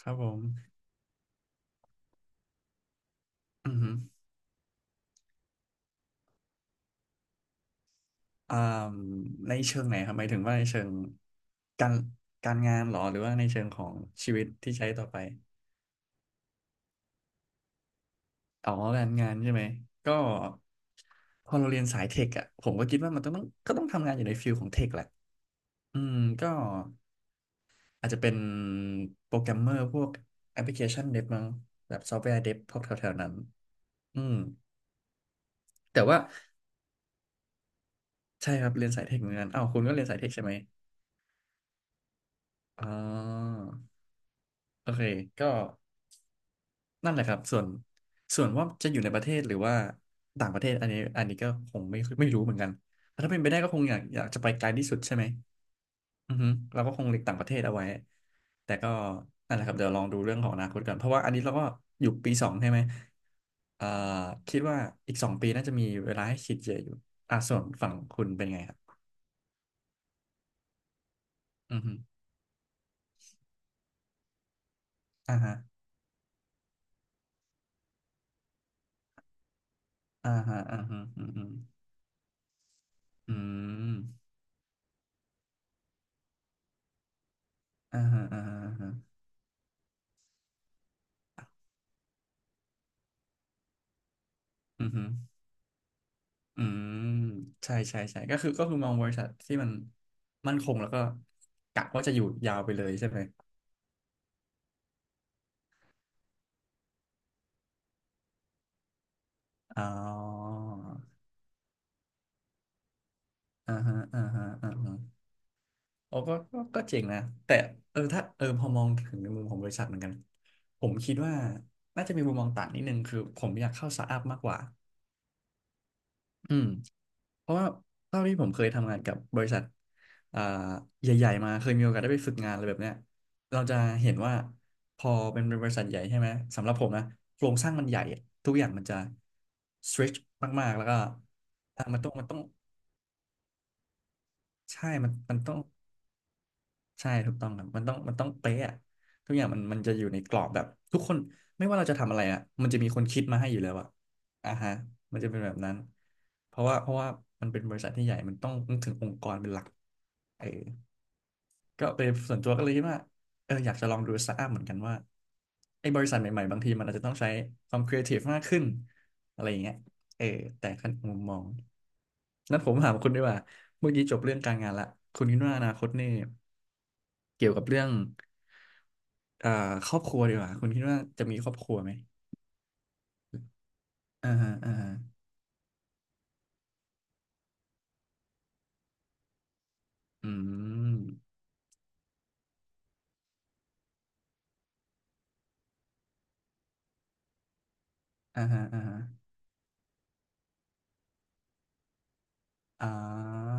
ครับผมอือฮึอ่าในเชิงไหนครับหมายถึงว่าในเชิงการการงานเหรอหรือว่าในเชิงของชีวิตที่ใช้ต่อไปอ๋อการงานใช่ไหมก็พอเราเรียนสายเทคอ่ะผมก็คิดว่ามันต้องต้องก็ต้องทำงานอยู่ในฟิลของเทคแหละอืมก็อาจจะเป็นโปรแกรมเมอร์พวกแอปพลิเคชันเดฟมั้งแบบซอฟต์แวร์เดฟพวกแถวๆนั้นอืมแต่ว่าใช่ครับเรียนสายเทคเหมือนกันอ้าวคุณก็เรียนสายเทคใช่ไหมอ๋อโอเคก็ นั่นแหละครับส่วนว่าจะอยู่ในประเทศหรือว่าต่างประเทศอันนี้ก็คงไม่รู้เหมือนกันแต่ถ้าเป็นไปได้ก็คงอยากจะไปไกลที่สุดใช่ไหมอือฮึเราก็คงหลีกต่างประเทศเอาไว้แต่ก็นั่นแหละครับเดี๋ยวลองดูเรื่องของอนาคตก่อนเพราะว่าอันนี้เราก็อยู่ปีสองใช่ไหมเอ่อคิดว่าอีกสองปีน่าจะมีเวลาให้คิดเยอะอยู่อ่ะส่วนฝั่งคุณเป็นไงครับอือฮึอ่าฮะอ่าฮะอ่าฮะอืมอืมอืมอ่าฮะอ่าฮะอ่าฮะอือฮึ อืมใช่ใช่ใช่ก็คือมองบริษัทที่มันมั่นคงแล้วก็กะว่าจะอยู่ยาวไปเลยใช่ไหมอ๋ออ่าฮะอ่าฮะอ่าฮะโอ้ก็เจ๋งนะแต่ถ้าพอมองถึงในมุมของบริษัทเหมือนกันผมคิดว่าน่าจะมีมุมมองต่างนิดนึงคือผมอยากเข้าสตาร์ทอัพมากกว่าอืม เพราะว่าเท่าที่ผมเคยทำงานกับบริษัทอ่าใหญ่ๆมาเคยมีโอกาสได้ไปฝึกงานอะไรแบบเนี้ยเราจะเห็นว่าพอเป็นบริษัทใหญ่ใช่ไหมสำหรับผมนะโครงสร้างมันใหญ่อะทุกอย่างมันจะ stretch มากๆแล้วก็อ่ะมันต้องใช่มันต้อง ใช่ถูกต้องครับมันต้องเป๊ะอะทุกอย่างมันจะอยู่ในกรอบแบบทุกคนไม่ว่าเราจะทำอะไรอ่ะมันจะมีคนคิดมาให้อยู่แล้วอ่ะอ่าฮะมันจะเป็นแบบนั้นเพราะว่ามันเป็นบริษัทที่ใหญ่มันต้องนึกถึงองค์กรเป็นหลักเออก็เป็นส่วนตัวก็เลยคิดว่าอยากจะลองดูสตาร์ทอัพเหมือนกันว่าไอ้บริษัทใหม่ๆบางทีมันอาจจะต้องใช้ความครีเอทีฟมากขึ้นอะไรอย่างเงี้ยเออแต่ขั้นมุมมองนั้นผมถามคุณดีกว่าเมื่อกี้จบเรื่องการงานละคุณคิดว่าอนาคตนี่ เกี่ยวกับเรื่องเอ่อครอบครัวดีกว่าคุณคิดว่าจะมีครอบครัวไหมอ่าฮะอ่าฮะอืมอ่าฮะอ่าฮะอ่า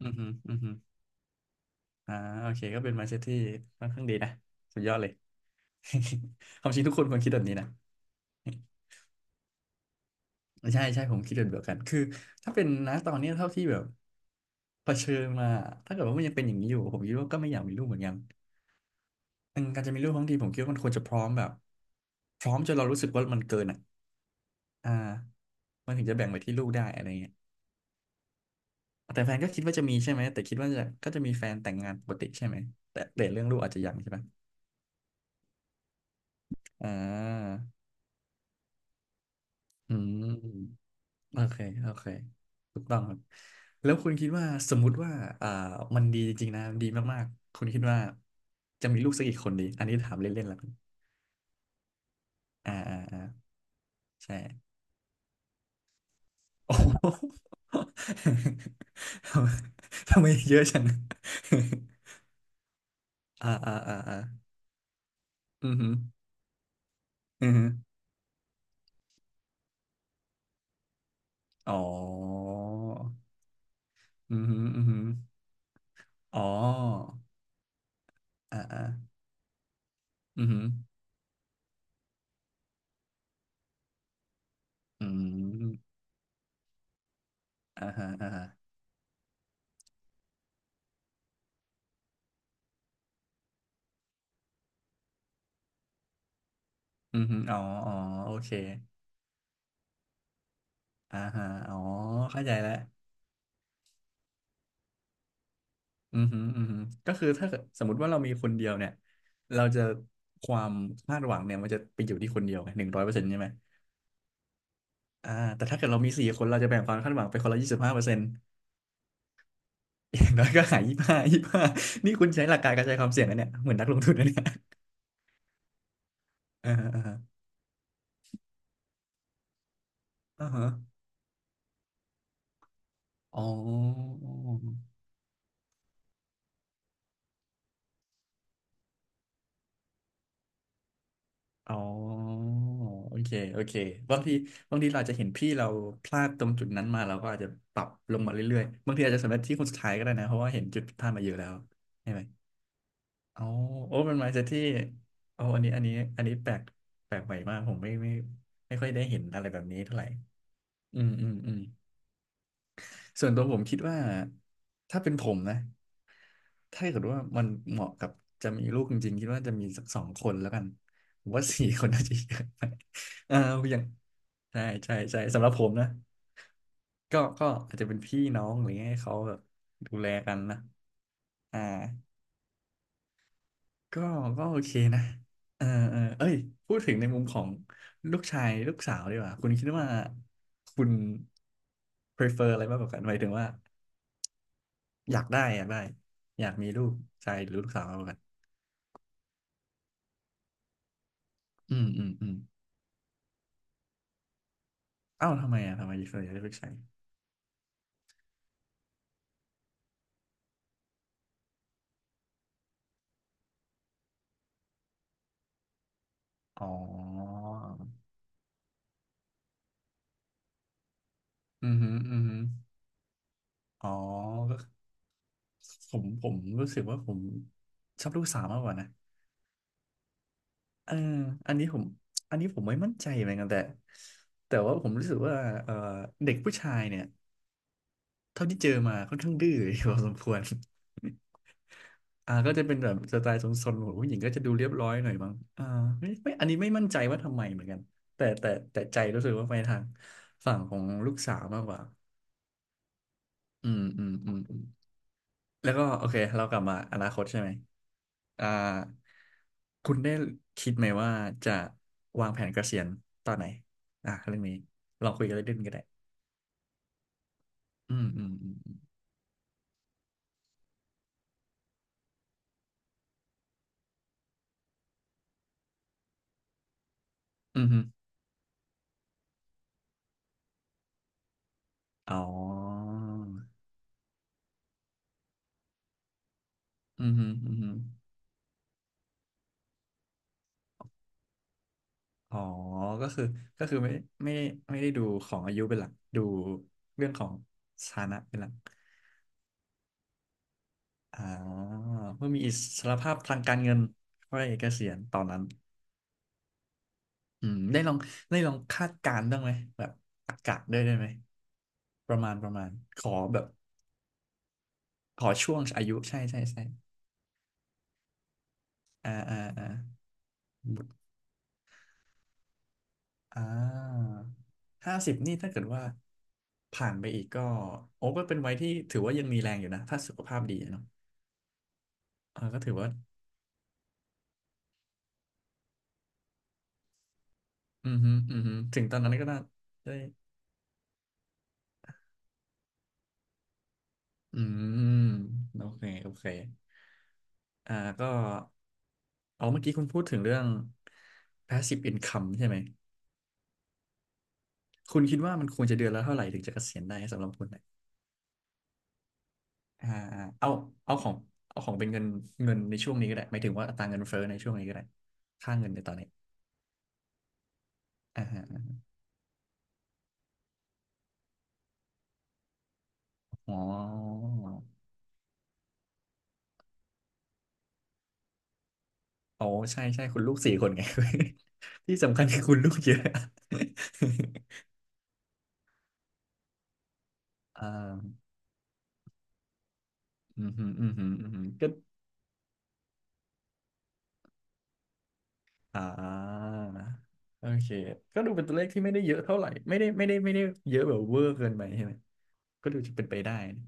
อือฮึอืมฮึอ่าโอเคก็เป็น mindset ที่ค่อนข้างดีนะสุดยอดเลย ความจริงทุกคนควรคิดแบบนี้นะใช่ใช่ผมคิดแบบเดียวกันคือถ้าเป็นนะตอนเนี้ยเท่าที่แบบเผชิญมาถ้าเกิดว่ามันยังเป็นอย่างนี้อยู่ผมคิดว่าก็ไม่อยากมีลูกเหมือนกันอืมการจะมีลูกทั้งทีผมคิดว่ามันควรจะพร้อมแบบพร้อมจนเรารู้สึกว่ามันเกินอ่ะอ่า มันถึงจะแบ่งไปที่ลูกได้อะไรเงี้ยแต่แฟนก็คิดว่าจะมีใช่ไหมแต่คิดว่าจะมีแฟนแต่งงานปกติใช่ไหมแต่เรื่องลูกอาจจะยังใช่ไหมอ่าอืมโอเคโอเคถูกต้องครับแล้วคุณคิดว่าสมมุติว่าอ่ามันดีจริงๆนะดีมากๆคุณคิดว่าจะมีลูกสักกี่คนดีอันนี้ถามเล่นๆแล้วกันอ่าอ่าอ่าใช่โอ้ โหทำไมทำไมเยอะจังอ่าอ่าอ่าอ่าอือหืออือหือ อ๋ออือหืออือหืออ๋ออ่าอ่าอือหืออืมอ่าฮะอ่าฮะอือหืออ๋ออ๋อโอเคอ่าฮะอ๋อเข้าใจแล้วอือหืออือหือก็คือถ้าสมมติว่าเรามีคนเดียวเนี่ยเราจะความคาดหวังเนี่ยมันจะไปอยู่ที่คนเดียวไง100%ใช่ไหมอ่าแต่ถ้าเกิดเรามีสี่คนเราจะแบ่งความคาดหวังไปคนละ25%อย่างน้อยก็หายยี่สิบห้ายี่สิบห้านี่คุณใช้หลักการกระจายความเสี่ยงนะเนี่ยเหมือนนักลงทุนนะเนี่ยอ่าฮะอ่าฮะอ่าฮะ อ๋ออ๋อโอเคโอเคบางทีบางทีเราอาจจะเห็นพี่เราพลาดตรงจุดนั้นมาเราก็อาจจะปรับลงมาเรื่อยๆ บางทีอาจจะสำเร็จที่คนสุดท้ายก็ได้นะเพราะว่าเห็นจุดผิดพลาดมาเยอะแล้วใช่ไหมอ๋อโอ้เป็น mindset ที่โอ้อันนี้แปลกใหม่มากผมไม่ค่อยได้เห็นอะไรแบบนี้เท่าไหร่ อืมอืมอืมส่วนตัวผมคิดว่าถ้าเป็นผมนะ ถ้าเกิดว่ามันเหมาะกับจะมีลูกจริงๆคิดว่าจะมีสักสองคนแล้วกันผมว่าสี่คนน่าจะเยอะไป เอออย่างใช่ใช่ใช่สำหรับผมนะก็อาจจะเป็นพี่น้องอะไรเงี้ยให้เขาแบบดูแลกันนะอ่าก็ก็โอเคนะเออเออเอ้ยพูดถึงในมุมของลูกชายลูกสาวดีกว่าคุณคิดว่าคุณ prefer อะไรมากกว่ากันหมายถึงว่าอยากได้อยากได้อยากมีลูกชายหรือลูกสาวมากกว่ากันอืมอืมอืม อ้าวทำไมเ่วนใหญ่เลือกใช้อ๋ออือหืออือหือ๋อก็ผมรู้สึกว่าผมชอบลูกสาวมากกว่านะเอออันนี้ผมอันนี้ผมไม่มั่นใจเหมือนกันแต่ว่าผมรู้สึกว่าเออเด็กผู้ชายเนี่ยเท่าที่เจอมาค่อนข้างดื้อพอสมควร อ่าก็จะเป็นแบบสไตล์ซนๆของผู้หญิงก็จะดูเรียบร้อยหน่อยมั้งอ่าไม่อันนี้ไม่มั่นใจว่าทำไมเหมือนกันแต่ใจรู้สึกว่าไปทางฝั่งของลูกสาวมากกว่า อืมอืมอืมอืมแล้วก็โอเคเรากลับมาอนาคตใช่ไหมอ่าคุณได้คิดไหมว่าจะวางแผนเกษียณตอนไหนอ่ะเรื่องนี้ลองคุยกันเล่นๆก็ได้อืมอืมอืมอืมอืมอ๋ออืมอืมอืมฮึอ๋อก็คือก็คือไม่ได้ไม่ได้ดูของอายุเป็นหลักดูเรื่องของฐานะเป็นหลักอ๋อเพื่อมีอิสรภาพทางการเงินก็ได้เกษียณตอนนั้น อืมได้ลองคาดการณ์บ้างไหมแบบอากาศด้วยได้ไหมประมาณขอแบบขอช่วงอายุใช่ใช่ใช่อ่าอ่าอ่าอ่า50นี่ถ้าเกิดว่าผ่านไปอีกก็โอ้ก็เป็นวัยที่ถือว่ายังมีแรงอยู่นะถ้าสุขภาพดีอะเนาะเออก็ถือว่าอืมฮึอืมฮึถึงตอนนั้นก็น่าได้อืมโอเคโอเคอ่าก็เอาเมื่อกี้คุณพูดถึงเรื่อง passive income ใช่ไหม คุณคิดว่ามันควรจะเดือนละเท่าไหร่ถึงจะเกษียณได้สำหรับคุณเนะอ่าเอาเอาของเอาของเป็นเงินเงินในช่วงนี้ก็ได้หมายถึงว่าอัตราเงินเฟ้อในช่วงนี้ก็ได้ค่าเงินในตอนนี้อ่าฮะอ๋ออ๋อใช่ใช่คุณลูกสี่คนไง ที่สำคัญคือคุณลูกเยอะ อ่าอืมฮึอืมฮึอืมฮึก็อ่าโอเคก็ดูเป็นตัวเลขที่ไม่ได้เยอะเท่าไหร่ไม่ได้เยอะแบบเวอร์เกินไปใช่ไหมก็ดูจะเป็นไปได้นะ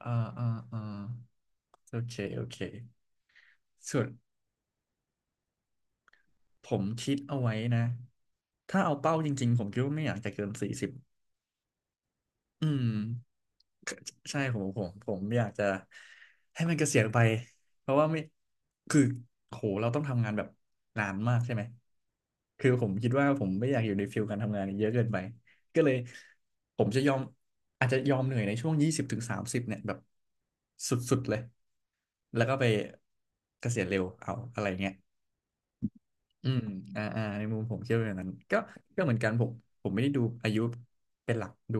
อ่าอ่าอ่า โอเคโอเคส่วนผมคิดเอาไว้นะถ้าเอาเป้าจริงๆผมคิดว่าไม่อยากจะเกิน40อืมใช่ผมอยากจะให้มันเกษียณไปเพราะว่าไม่คือโหเราต้องทำงานแบบนานมากใช่ไหมคือผมคิดว่าผมไม่อยากอยู่ในฟิลการทำงานเยอะเกินไปก็เลยผมจะยอมอาจจะยอมเหนื่อยในช่วง20ถึง30เนี่ยแบบสุดๆเลยแล้วก็ไปเกษียณเร็วเอาอะไรเงี้ย อืมอ่าอ่าในมุมผมเชื่อว่าอย่างนั้น ก็เหมือนกันผมผมไม่ได้ดูอายุเป็นหลัก ดู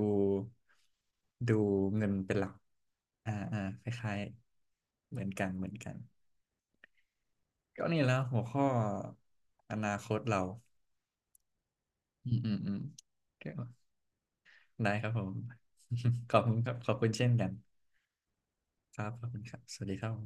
ดูเงินเป็นหลักอ่าอ่าคล้ายๆเหมือนกันเหมือนกัน ก็นี่แล้วหัวข้ออนาคตเราอืมอืมอืมก็ได้ครับผม ขอบคุณครับขอบคุณเช่นกันครับขอบคุณครับสวัสดีครับ